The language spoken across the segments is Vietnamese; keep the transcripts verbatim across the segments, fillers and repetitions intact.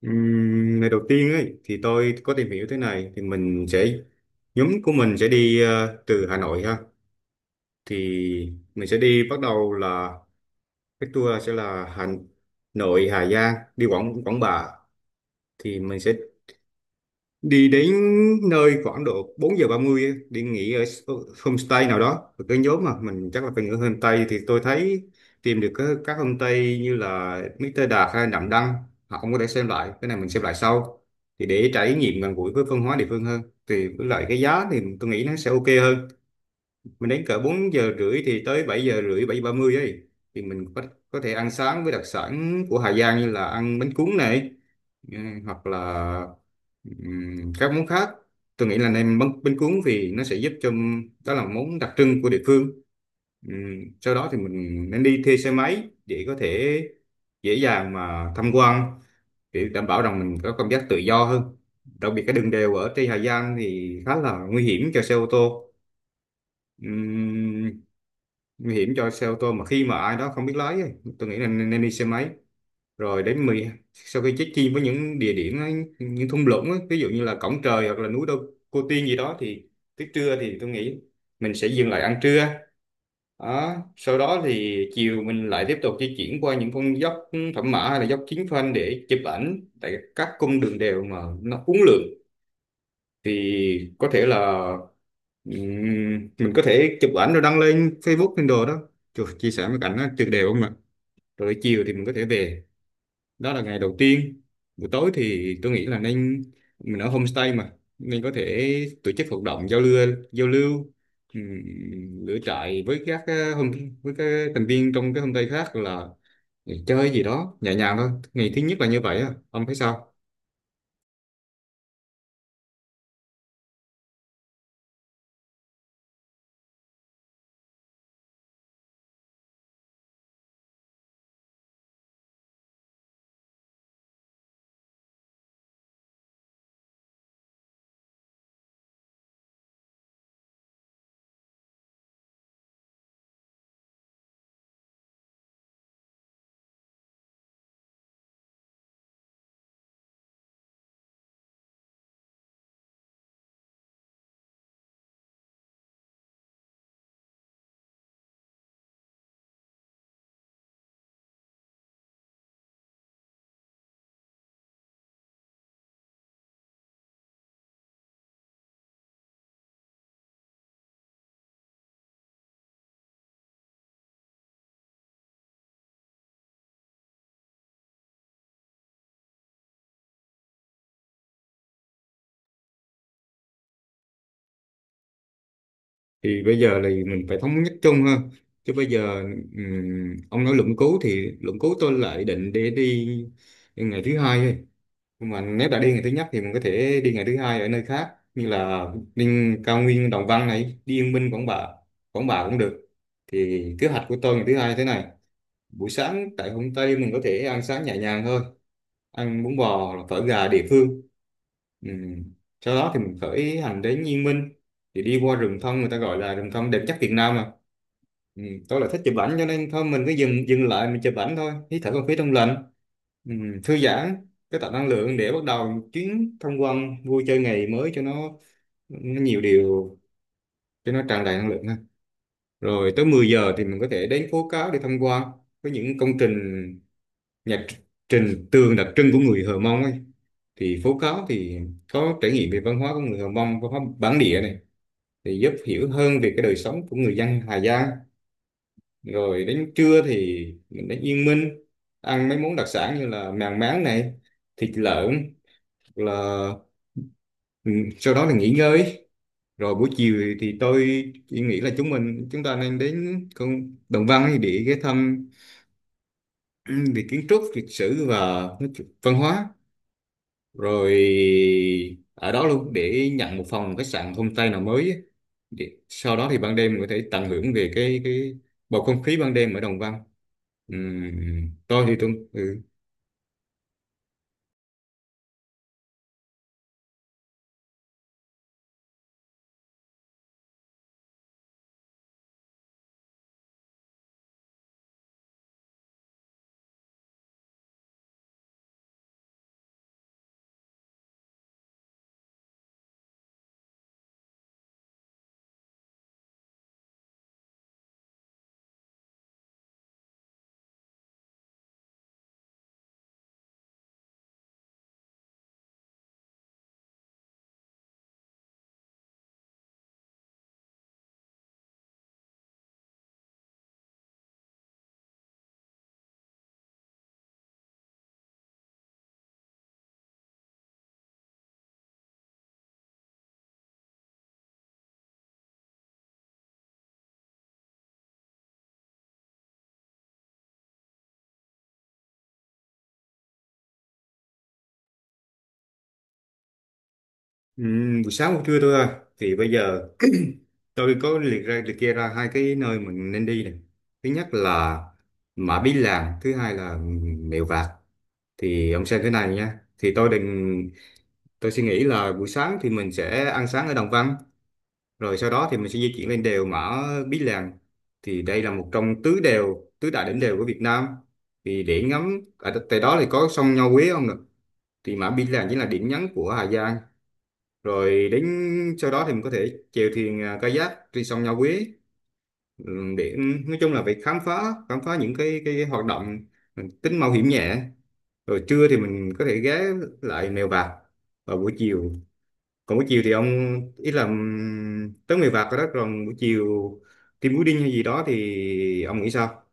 Ừm, ngày đầu tiên ấy thì tôi có tìm hiểu thế này thì mình sẽ nhóm của mình sẽ đi ờ, từ Hà Nội ha, thì mình sẽ đi bắt đầu là cái tour sẽ là Hà Nội Hà Giang đi Quảng Quảng Bạ, thì mình sẽ đi đến nơi khoảng độ bốn giờ ba mươi, đi nghỉ ở homestay nào đó. Và cái nhóm mà mình chắc là phải nghỉ ở homestay, thì tôi thấy tìm được các, các homestay như là mister Đạt hay Đạm Đăng, họ cũng có thể xem lại cái này mình xem lại sau, thì để trải nghiệm gần gũi với văn hóa địa phương hơn, thì với lại cái giá thì tôi nghĩ nó sẽ ok hơn. Mình đến cỡ bốn giờ rưỡi thì tới bảy giờ rưỡi bảy ba mươi ấy, thì mình có, có thể ăn sáng với đặc sản của Hà Giang như là ăn bánh cuốn này. Ờ, hoặc là ừm, các món khác, tôi nghĩ là nem bánh, bánh cuốn vì nó sẽ giúp cho, đó là món đặc trưng của địa phương. Ừm, sau đó thì mình nên đi thuê xe máy để có thể dễ dàng mà tham quan, để đảm bảo rằng mình có cảm giác tự do hơn, đặc biệt cái đường đèo ở trên Hà Giang thì khá là nguy hiểm cho xe ô tô. Ừm, Nguy hiểm cho xe ô tô mà khi mà ai đó không biết lái ấy, tôi nghĩ là nên, nên đi xe máy, rồi đến mười sau khi check in với những địa điểm ấy, những thung lũng ấy, ví dụ như là Cổng Trời hoặc là núi Đôi Cô Tiên gì đó, thì tới trưa thì tôi nghĩ mình sẽ dừng lại ăn trưa đó. Sau đó thì chiều mình lại tiếp tục di chuyển qua những con dốc Thẩm Mã hay là dốc Chiến Phanh để chụp ảnh tại các cung đường đèo mà nó uốn lượn, thì có thể là ừm, mình có thể chụp ảnh rồi đăng lên Facebook lên đồ đó. Trời, chia sẻ mấy cảnh nó tuyệt đẹp không ạ. Rồi chiều thì mình có thể về, đó là ngày đầu tiên. Buổi tối thì tôi nghĩ là nên mình ở homestay mà, nên có thể tổ chức hoạt động giao lưu giao lưu ừm, lửa trại với các ờ, hôm với các thành viên trong cái homestay khác, là chơi gì đó nhẹ nhàng thôi. Ngày thứ nhất là như vậy á, ông thấy sao? Thì bây giờ thì mình phải thống nhất chung ha, chứ bây giờ ừm, ông nói luận cứu thì luận cứu tôi lại định để đi ngày thứ hai thôi, nhưng mà nếu đã đi ngày thứ nhất thì mình có thể đi ngày thứ hai ở nơi khác, như là đi cao nguyên Đồng Văn này, đi Yên Minh Quảng Bạ. Quảng Bạ cũng được. Thì kế hoạch của tôi ngày thứ hai thế này: buổi sáng tại Hồng Tây mình có thể ăn sáng nhẹ nhàng thôi, ăn bún bò hoặc phở gà địa phương. Ừ. Sau đó thì mình khởi hành đến Yên Minh, thì đi qua rừng thông, người ta gọi là rừng thông đẹp nhất Việt Nam mà. Ừ. Tôi là thích chụp ảnh cho nên thôi mình cứ dừng dừng lại mình chụp ảnh thôi, hít thở không khí trong lành. Ừ. Thư giãn, cái tạo năng lượng để bắt đầu chuyến tham quan vui chơi ngày mới cho nó, nó nhiều điều, cho nó tràn đầy năng lượng ha. Rồi tới 10 giờ thì mình có thể đến phố cáo để tham quan với những công trình nhạc trình tường đặc trưng của người Hờ Mông ấy. Thì phố cáo thì có trải nghiệm về văn hóa của người Hờ Mông, văn hóa bản địa này, thì giúp hiểu hơn về cái đời sống của người dân Hà Giang. Rồi đến trưa thì mình đến Yên Minh, ăn mấy món đặc sản như là mèn máng này, thịt lợn, là ừ, sau đó là nghỉ ngơi. Rồi buổi chiều thì tôi chỉ nghĩ là chúng mình chúng ta nên đến con Đồng Văn để ghé thăm, ừ, về kiến trúc lịch sử và văn hóa, rồi ở đó luôn để nhận một phòng khách sạn homestay nào mới á. Để, sau đó thì ban đêm mình có thể tận hưởng về cái cái bầu không khí ban đêm ở Đồng Văn. Ừm, tôi thì tôi ừ. Ừm, buổi sáng buổi trưa thôi à. Thì bây giờ tôi có liệt ra liệt kê ra hai cái nơi mình nên đi này: thứ nhất là Mã Pí Làng, thứ hai là Mèo Vạc. Thì ông xem thế này nha, thì tôi định tôi suy nghĩ là buổi sáng thì mình sẽ ăn sáng ở Đồng Văn, rồi sau đó thì mình sẽ di chuyển lên đèo Mã Pí Lèng, thì đây là một trong tứ đèo tứ đại đỉnh đèo của Việt Nam, thì để ngắm ở đ- tại đó thì có sông Nho Quế không nè. Thì Mã Pí Lèng chính là điểm nhấn của Hà Giang. Rồi đến, sau đó thì mình có thể chèo thuyền à, kayak trên sông Nho Quế, ừ, để nói chung là phải khám phá khám phá những cái cái, cái hoạt động tính mạo hiểm nhẹ. Rồi trưa thì mình có thể ghé lại Mèo Vạc vào buổi chiều. Còn buổi chiều thì ông, ý là ừm, tới người vặt rồi đó, còn buổi chiều team building hay gì đó thì ông nghĩ sao?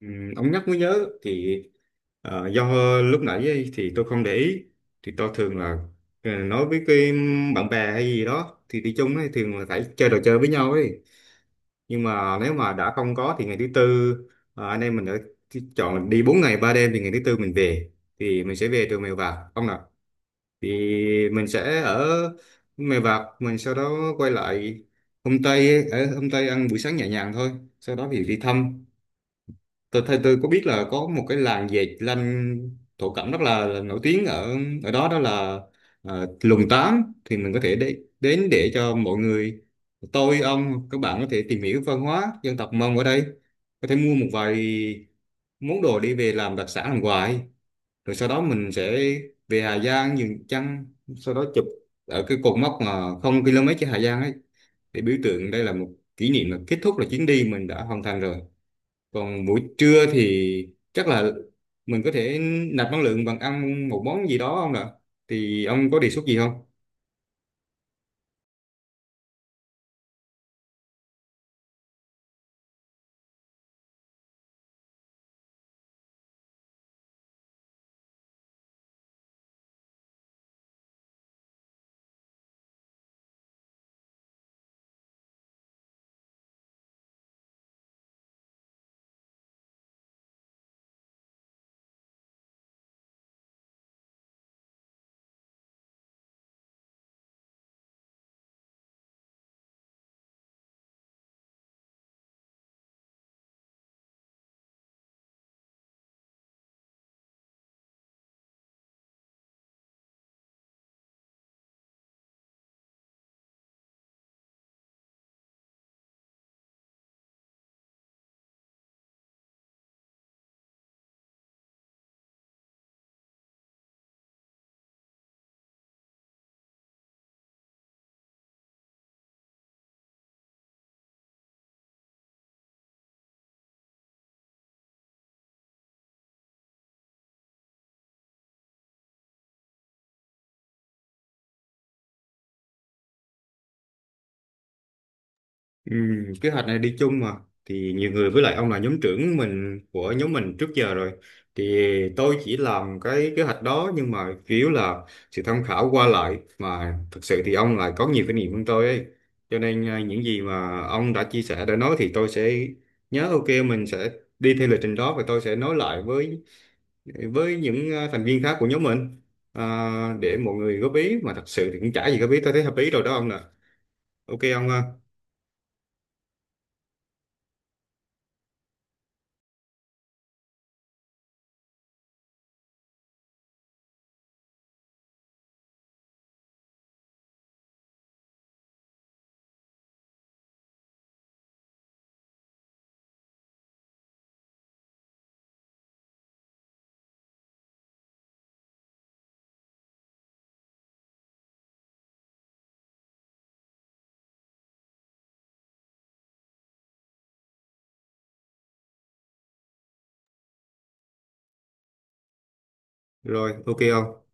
Ừm, ông nhắc mới nhớ thì ờ, do lúc nãy ấy, thì tôi không để ý. Thì tôi thường là ờ, nói với cái bạn bè hay gì đó thì đi chung ấy, thường là phải chơi trò chơi với nhau ấy. Nhưng mà nếu mà đã không có thì ngày thứ tư ờ, anh em mình đã chọn đi bốn ngày ba đêm, thì ngày thứ tư mình về. Thì mình sẽ về từ Mèo Vạc ông nào. Thì mình sẽ ở Mèo Vạc mình sau đó quay lại hôm Tây, ở hôm Tây ăn buổi sáng nhẹ nhàng thôi. Sau đó thì đi thăm, tôi thấy tôi có biết là có một cái làng dệt lanh thổ cẩm rất là, là nổi tiếng ở ở đó đó là ờ, Lùng Tám, thì mình có thể đế, đến để cho mọi người, tôi ông các bạn có thể tìm hiểu văn hóa dân tộc Mông ở đây, có thể mua một vài món đồ đi về làm đặc sản làm quà. Rồi sau đó mình sẽ về Hà Giang dừng chân, sau đó chụp ở cái cột mốc mà không km trên Hà Giang ấy, để biểu tượng đây là một kỷ niệm là kết thúc, là chuyến đi mình đã hoàn thành rồi. Còn buổi trưa thì chắc là mình có thể nạp năng lượng bằng ăn một món gì đó không ạ, thì ông có đề xuất gì không? Ừ, kế hoạch này đi chung mà, thì nhiều người, với lại ông là nhóm trưởng mình của nhóm mình trước giờ rồi, thì tôi chỉ làm cái kế hoạch đó, nhưng mà chủ yếu là sự tham khảo qua lại, mà thực sự thì ông lại có nhiều kinh nghiệm hơn tôi ấy, cho nên à, những gì mà ông đã chia sẻ đã nói thì tôi sẽ nhớ, ok mình sẽ đi theo lịch trình đó, và tôi sẽ nói lại với với những à, thành viên khác của nhóm mình, à, để mọi người góp ý. Mà thật sự thì cũng chả gì góp ý, tôi thấy hợp lý rồi đó ông nè. Ok ông ha. Rồi ok ông.